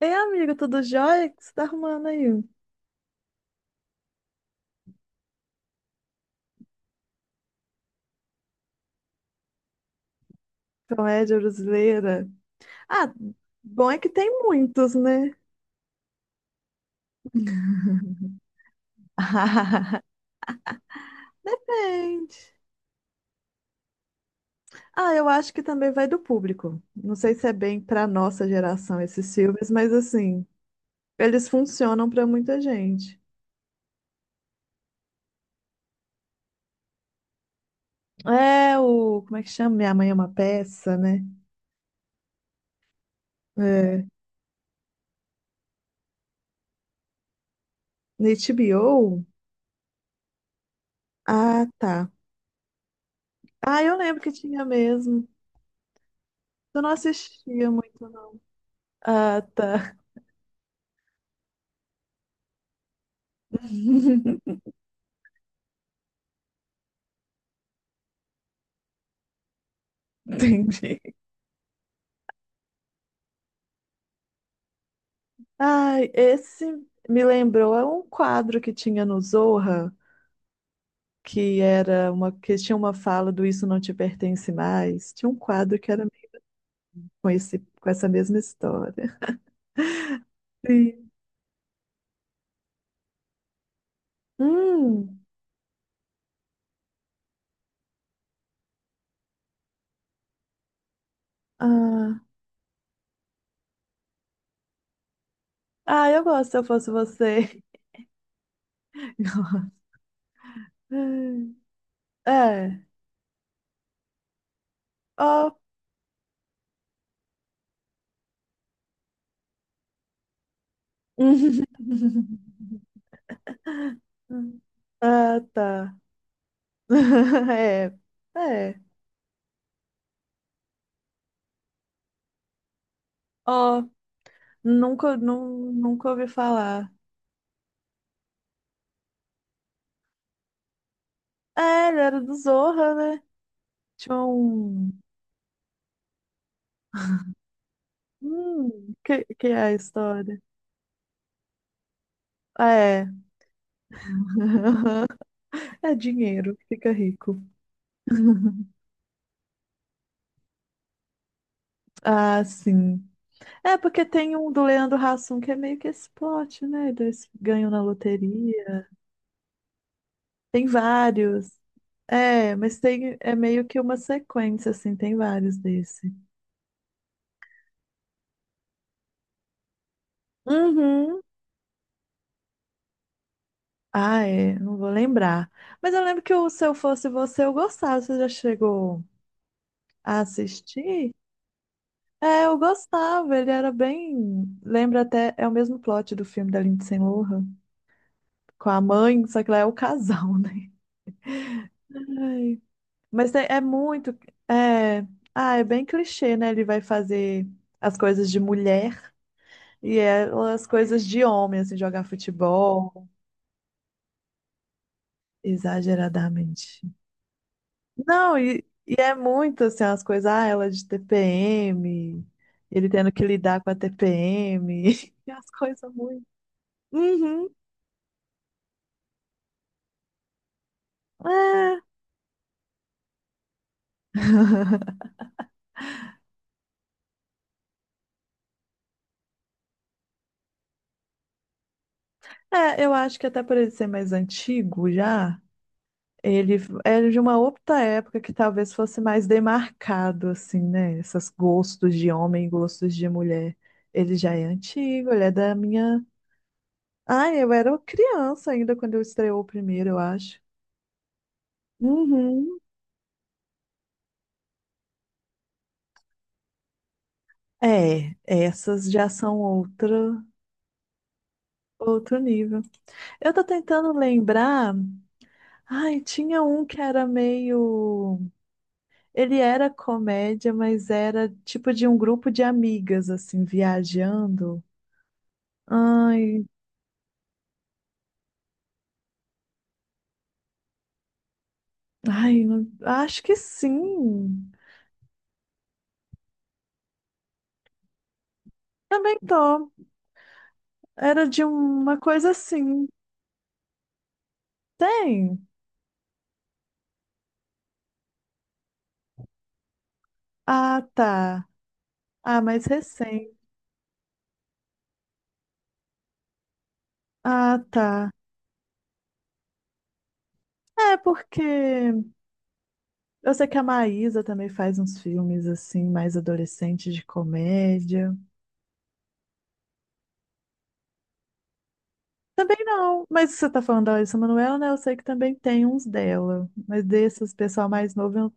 Ei, amigo, tudo jóia? O que você tá arrumando aí? Comédia brasileira. Ah, Bom é que tem muitos, né? Gente. Ah, eu acho que também vai do público. Não sei se é bem pra nossa geração esses filmes, mas assim, eles funcionam pra muita gente. É o. Como é que chama? Minha Mãe é uma Peça, né? É. Na HBO? Ah, tá. Ah, eu lembro que tinha mesmo. Eu não assistia muito, não. Ah, tá. Entendi. Ai, esse me lembrou, é um quadro que tinha no Zorra, que era uma, que tinha uma fala do Isso Não Te Pertence Mais. Tinha um quadro que era com esse, com essa mesma história. Sim. Hum, ah, eu gosto se eu fosse você. É, ó. Ah, tá. É, é. Ó, nunca ouvi falar. É, ele era do Zorra, né? Tinha um. Que é a história? Ah, é. É dinheiro, fica rico. Ah, sim. É porque tem um do Leandro Hassum que é meio que esse plot, né? Eles ganham na loteria. Tem vários. É, mas tem é meio que uma sequência, assim, tem vários desse. Uhum. Ah, é, não vou lembrar. Mas eu lembro que o Se Eu Fosse Você eu gostava. Você já chegou a assistir? É, eu gostava, ele era bem. Lembra até, é o mesmo plot do filme da Lindsay Lohan, com a mãe, só que lá é o casal, né? Ai, mas é, é muito. É... Ah, é bem clichê, né? Ele vai fazer as coisas de mulher e ela as coisas de homem, assim, jogar futebol, exageradamente. Não, e é muito assim, as coisas, ah, ela é de TPM, ele tendo que lidar com a TPM, e as coisas muito. Uhum. É, eu acho que até por ele ser mais antigo já, ele é de uma outra época que talvez fosse mais demarcado, assim, né? Esses gostos de homem e gostos de mulher. Ele já é antigo, ele é da minha. Ah, eu era criança ainda quando eu estreou o primeiro, eu acho. Uhum. É, essas já são outra, outro nível. Eu tô tentando lembrar. Ai, tinha um que era meio. Ele era comédia, mas era tipo de um grupo de amigas, assim, viajando. Ai, ai, acho que sim. Também tô. Era de uma coisa assim. Tem? Ah, tá. Ah, mais recente. Ah, tá. É, porque eu sei que a Maísa também faz uns filmes assim, mais adolescentes de comédia. Também não, mas você tá falando da Larissa Manoela, né? Eu sei que também tem uns dela. Mas desses, pessoal mais novo, eu.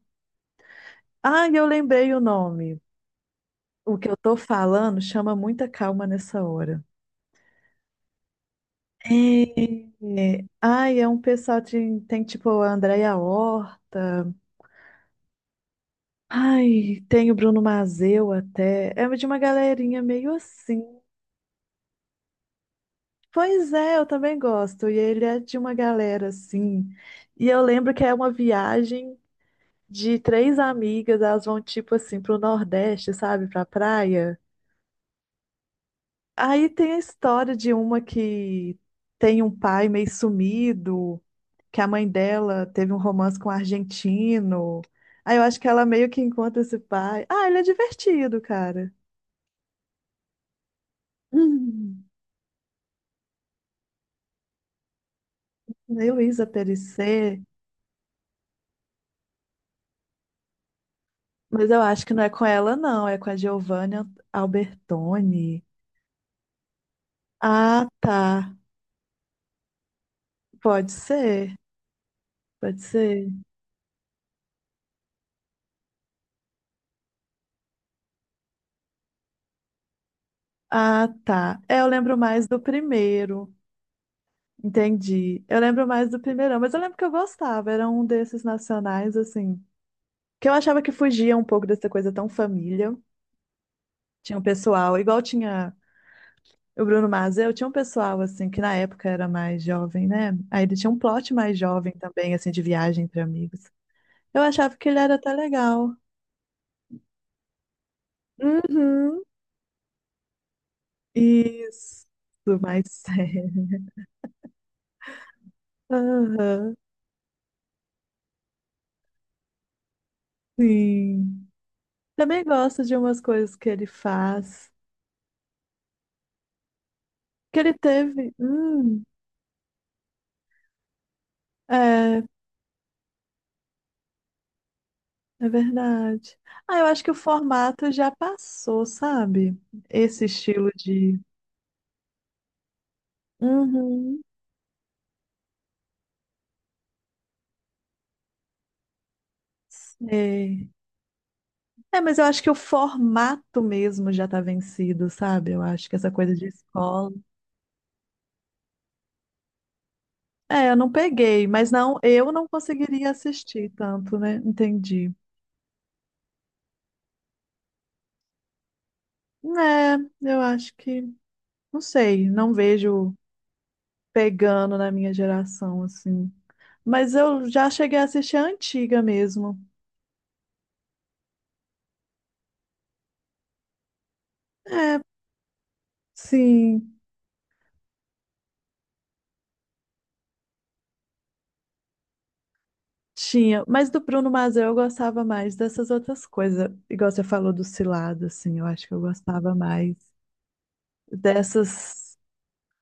Ah, eu lembrei o nome. O que eu tô falando chama muita calma nessa hora. É... Ai, é um pessoal de... Tem tipo a Andréia Horta. Ai, tem o Bruno Mazeu até. É de uma galerinha meio assim. Pois é, eu também gosto. E ele é de uma galera assim. E eu lembro que é uma viagem de três amigas. Elas vão tipo assim pro Nordeste, sabe? Pra praia. Aí tem a história de uma que tem um pai meio sumido, que a mãe dela teve um romance com um argentino. Aí eu acho que ela meio que encontra esse pai. Ah, ele é divertido, cara. Hum. Meio Isa Perecer, mas eu acho que não é com ela, não. É com a Giovanna Albertoni. Ah, tá. Pode ser, pode ser. Ah, tá. É, eu lembro mais do primeiro. Entendi. Eu lembro mais do primeirão, mas eu lembro que eu gostava. Era um desses nacionais, assim, que eu achava que fugia um pouco dessa coisa tão família. Tinha um pessoal, igual tinha o Bruno Mazel, tinha um pessoal, assim, que na época era mais jovem, né? Aí ele tinha um plot mais jovem também, assim, de viagem entre amigos. Eu achava que ele era até legal. Uhum. Isso, mais sério. Aham, sim. Também gosto de umas coisas que ele faz. Que ele teve. É. É verdade. Ah, eu acho que o formato já passou, sabe? Esse estilo de. Uhum. Sei. É, mas eu acho que o formato mesmo já tá vencido, sabe? Eu acho que essa coisa de escola. É, eu não peguei, mas não, eu não conseguiria assistir tanto, né? Entendi. É, eu acho que, não sei, não vejo pegando na minha geração, assim. Mas eu já cheguei a assistir a antiga mesmo. É, sim. Tinha, mas do Bruno Mazel eu gostava mais dessas outras coisas. Igual você falou do Cilado, assim, eu acho que eu gostava mais dessas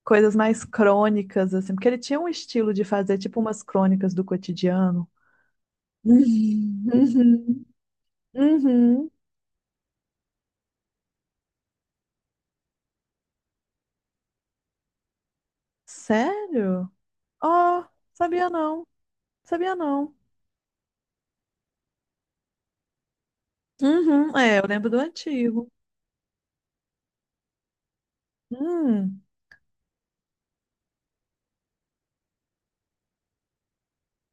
coisas mais crônicas, assim, porque ele tinha um estilo de fazer tipo umas crônicas do cotidiano. Uhum, uhum, uhum. Sério? Oh, sabia não, sabia não. Uhum, é, eu lembro do antigo. Hum,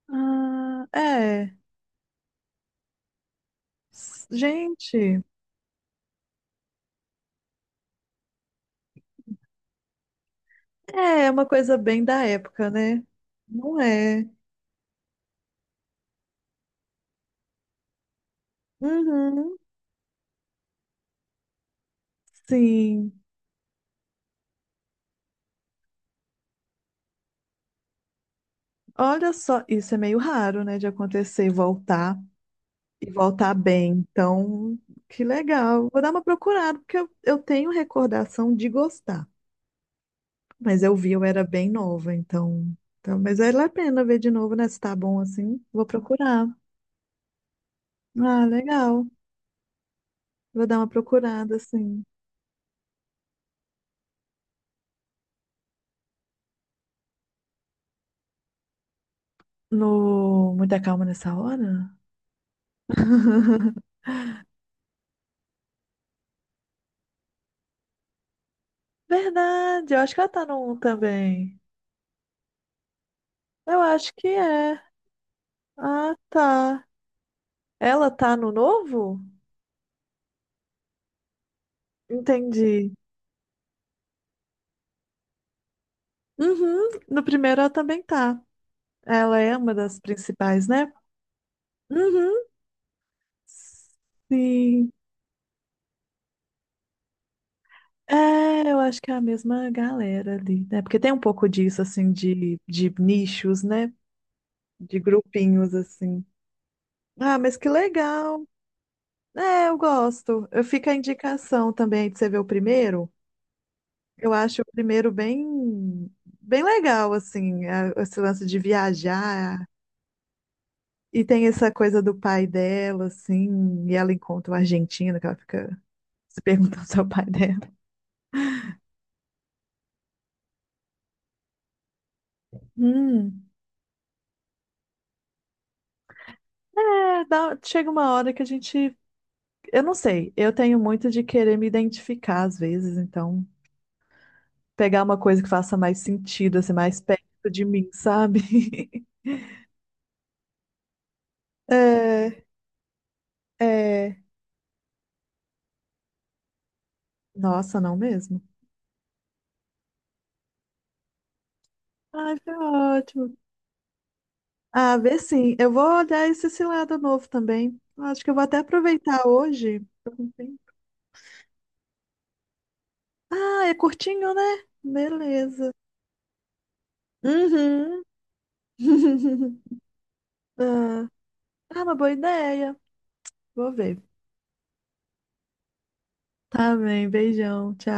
ah, é. Gente. É, é uma coisa bem da época, né? Não é. Uhum, sim. Olha só, isso é meio raro, né, de acontecer, voltar e voltar bem. Então, que legal. Vou dar uma procurada, porque eu tenho recordação de gostar. Mas eu vi, eu era bem nova, então. Então, mas vale a pena ver de novo, né? Se tá bom assim, vou procurar. Ah, legal. Vou dar uma procurada, assim. No Muita Calma Nessa Hora? Verdade, eu acho que ela tá no um também. Eu acho que é. Ah, tá. Ela tá no novo? Entendi. Uhum, no primeiro ela também tá. Ela é uma das principais, né? Uhum. Sim. É, eu acho que é a mesma galera ali, né? Porque tem um pouco disso, assim, de nichos, né? De grupinhos, assim. Ah, mas que legal. É, eu gosto. Eu fico a indicação também de você ver o primeiro. Eu acho o primeiro bem, bem legal, assim, esse lance de viajar. E tem essa coisa do pai dela, assim, e ela encontra o argentino, que ela fica se perguntando se é o pai dela. Hum. É, chega uma hora que a gente. Eu não sei, eu tenho muito de querer me identificar às vezes, então pegar uma coisa que faça mais sentido, assim, mais perto de mim, sabe? É, é. Nossa, não mesmo. Ai, foi ótimo. Ah, ver sim. Eu vou olhar esse cilada novo também. Acho que eu vou até aproveitar hoje. Tô com tempo. Ah, é curtinho, né? Beleza. Uhum. Ah, uma boa ideia. Vou ver. Tá bem, beijão. Tchau.